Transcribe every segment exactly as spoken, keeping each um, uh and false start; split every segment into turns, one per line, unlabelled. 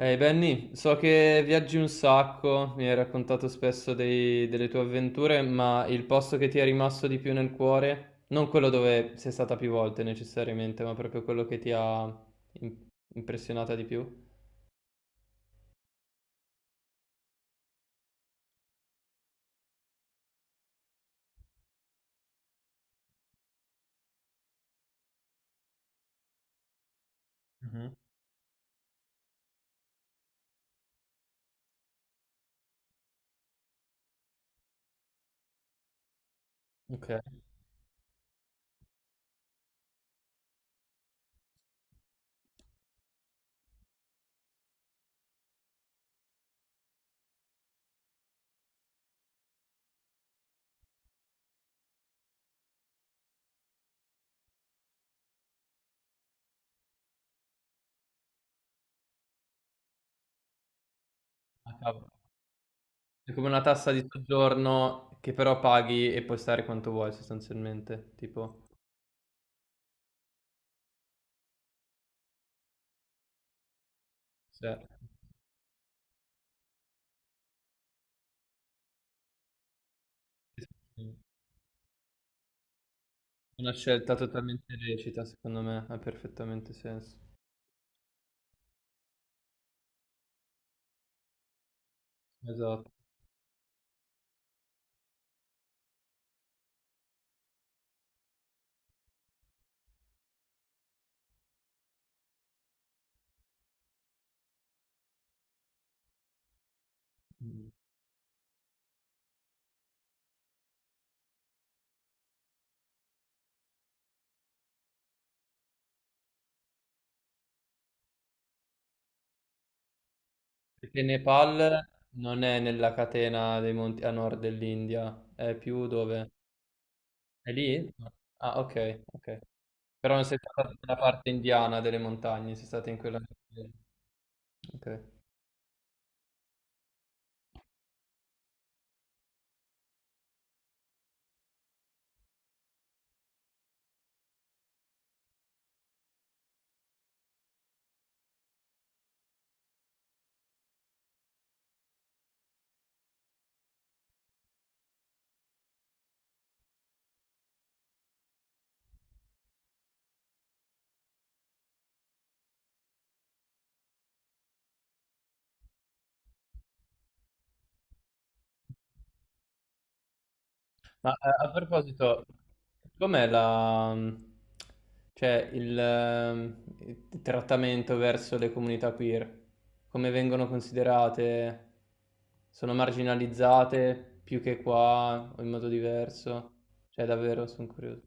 Ehi Benny, so che viaggi un sacco, mi hai raccontato spesso dei- delle tue avventure, ma il posto che ti è rimasto di più nel cuore, non quello dove sei stata più volte necessariamente, ma proprio quello che ti ha im- impressionata di più? Mhm. Ok. Ah, cavolo. È come una tassa di soggiorno che però paghi e puoi stare quanto vuoi sostanzialmente, tipo, cioè, una scelta totalmente lecita, secondo me, ha perfettamente senso. Esatto. Perché Nepal non è nella catena dei monti a nord dell'India, è più dove? È lì? No. Ah, ok, ok. Però non sei stata nella parte indiana delle montagne, sei stata in quella... Ok. Ma eh, a proposito, com'è la... mm, cioè il, ehm, il trattamento verso le comunità queer? Come vengono considerate? Sono marginalizzate più che qua o in modo diverso? Cioè davvero, sono curioso.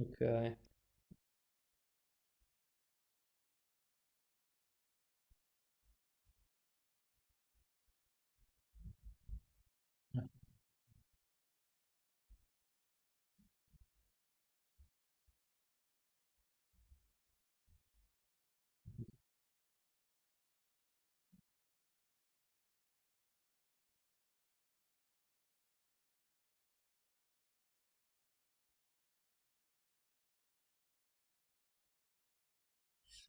Ok.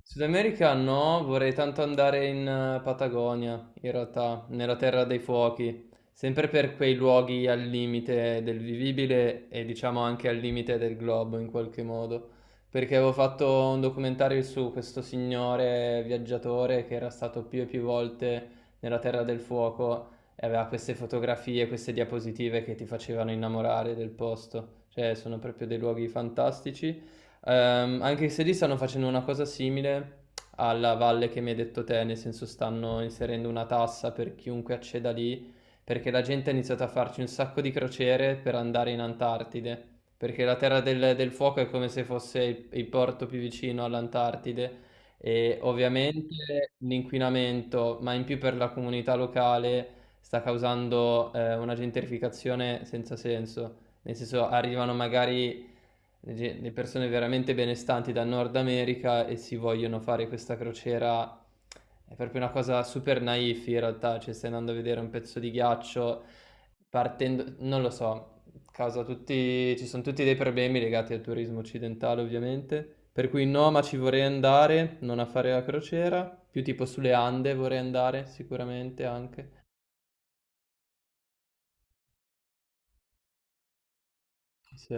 Sud America no, vorrei tanto andare in eh, Patagonia, in realtà, nella Terra dei Fuochi, sempre per quei luoghi al limite del vivibile e diciamo anche al limite del globo in qualche modo, perché avevo fatto un documentario su questo signore viaggiatore che era stato più e più volte nella Terra del Fuoco e aveva queste fotografie, queste diapositive che ti facevano innamorare del posto, cioè sono proprio dei luoghi fantastici. Ehm, anche se lì stanno facendo una cosa simile alla valle che mi hai detto te, nel senso stanno inserendo una tassa per chiunque acceda lì, perché la gente ha iniziato a farci un sacco di crociere per andare in Antartide, perché la Terra del, del Fuoco è come se fosse il, il porto più vicino all'Antartide e ovviamente l'inquinamento, ma in più per la comunità locale, sta causando eh, una gentrificazione senza senso, nel senso arrivano magari le ge- le persone veramente benestanti dal Nord America e si vogliono fare questa crociera. È proprio una cosa super naif in realtà, cioè stai andando a vedere un pezzo di ghiaccio partendo, non lo so, causa tutti, ci sono tutti dei problemi legati al turismo occidentale ovviamente, per cui no, ma ci vorrei andare, non a fare la crociera, più tipo sulle Ande vorrei andare sicuramente anche. Sì.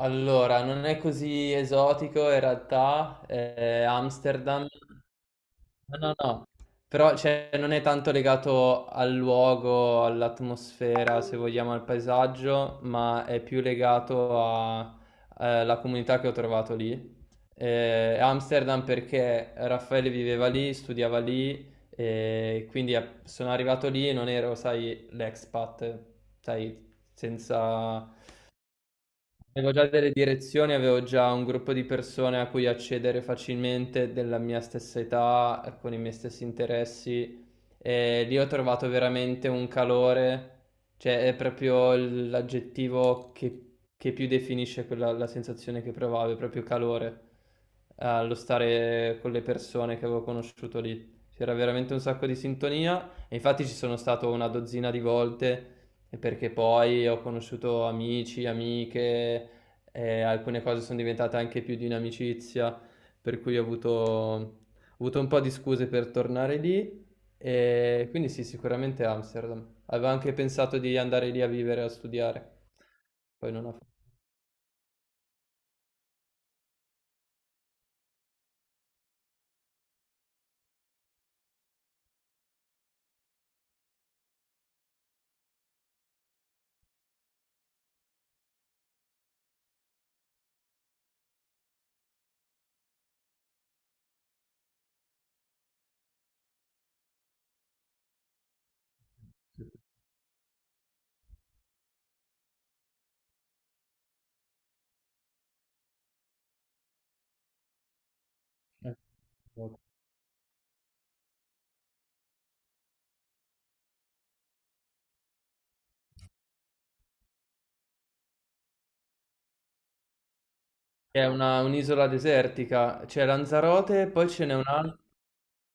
Allora, non è così esotico in realtà, eh, Amsterdam. No, no, no, però cioè, non è tanto legato al luogo, all'atmosfera, se vogliamo, al paesaggio, ma è più legato a- alla comunità che ho trovato lì. Eh, Amsterdam perché Raffaele viveva lì, studiava lì, e quindi eh, sono arrivato lì e non ero, sai, l'expat, sai, senza. Avevo già delle direzioni, avevo già un gruppo di persone a cui accedere facilmente della mia stessa età, con i miei stessi interessi e lì ho trovato veramente un calore, cioè è proprio l- l'aggettivo che, che più definisce quella, la sensazione che provavo, è proprio calore allo stare con le persone che avevo conosciuto lì. C'era veramente un sacco di sintonia e infatti ci sono stato una dozzina di volte e perché poi ho conosciuto amici, amiche e alcune cose sono diventate anche più di un'amicizia, per cui ho avuto, ho avuto un po' di scuse per tornare lì e quindi sì, sicuramente Amsterdam. Avevo anche pensato di andare lì a vivere, a studiare, poi non ho fatto. Eh, ok. È una- un'isola desertica, c'è Lanzarote, poi ce n'è un'altra.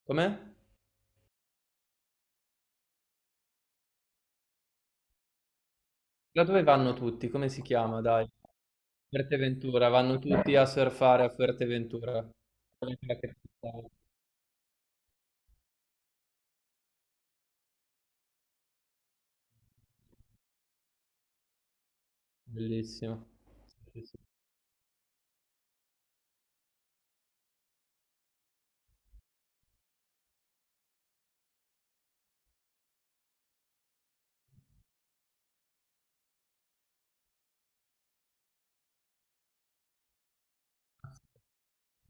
Com'è? Da dove vanno tutti? Come si chiama? Dai. Fuerteventura, vanno tutti a surfare a Fuerteventura. Quella che pensavo. Bellissimo. Sì, sì, sì.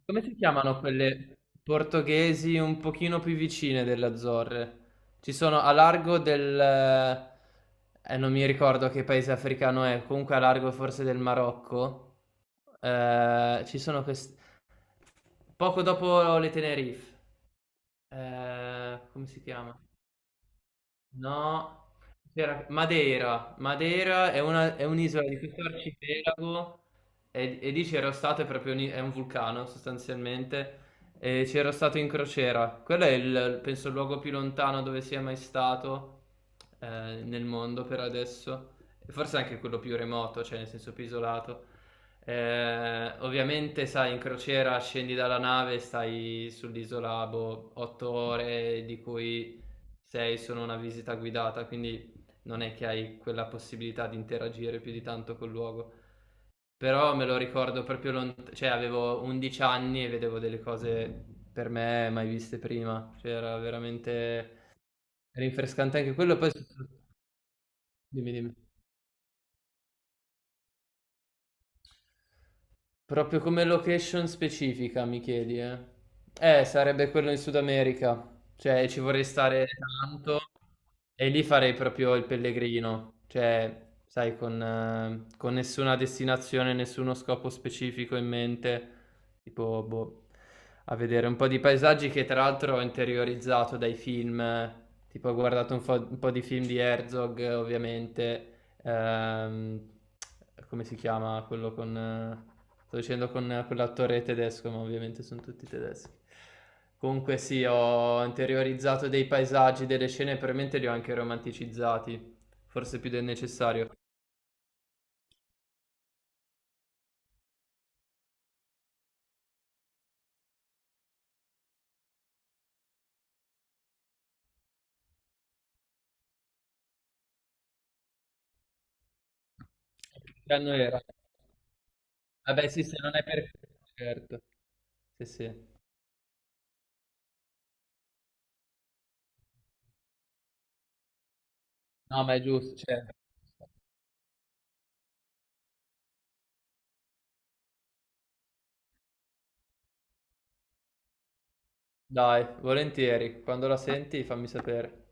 Come si chiamano quelle portoghesi un pochino più vicine delle Azzorre? Ci sono a largo del... eh, eh, non mi ricordo che paese africano è, comunque a largo forse del Marocco. Eh, ci sono queste... Poco dopo le Tenerife. Eh, come si chiama? No, c'era- Madeira. Madeira è una- è un'isola di questo arcipelago e, e lì c'ero stato, è proprio un, è un vulcano sostanzialmente, e c'ero stato in crociera. Quello è il, penso, il luogo più lontano dove sia mai stato eh, nel mondo per adesso, e forse anche quello più remoto, cioè nel senso più isolato. Eh, ovviamente, sai, in crociera scendi dalla nave, stai sull'isola boh, otto ore, di cui sei solo una visita guidata, quindi non è che hai quella possibilità di interagire più di tanto col luogo. Però me lo ricordo proprio lontano, cioè avevo undici anni e vedevo delle cose per me mai viste prima, cioè era veramente rinfrescante anche quello, poi dimmi dimmi. Proprio come location specifica, mi chiedi, eh? Eh, sarebbe quello in Sud America. Cioè, ci vorrei stare tanto e lì farei proprio il pellegrino. Cioè, sai, con, eh, con nessuna destinazione, nessuno scopo specifico in mente. Tipo, boh, a vedere un po' di paesaggi che tra l'altro ho interiorizzato dai film. Eh. Tipo, ho guardato un fo- un po' di film di Herzog, eh, ovviamente. Ehm, Come si chiama quello con... eh, Sto dicendo con eh, quell'attore tedesco, ma ovviamente sono tutti tedeschi. Comunque sì, ho interiorizzato dei paesaggi, delle scene, probabilmente li ho anche romanticizzati, forse più del necessario. Che anno era? Vabbè sì, se non è per... Certo, sì, sì. No, ma è giusto, cioè. Dai, volentieri, quando la senti fammi sapere.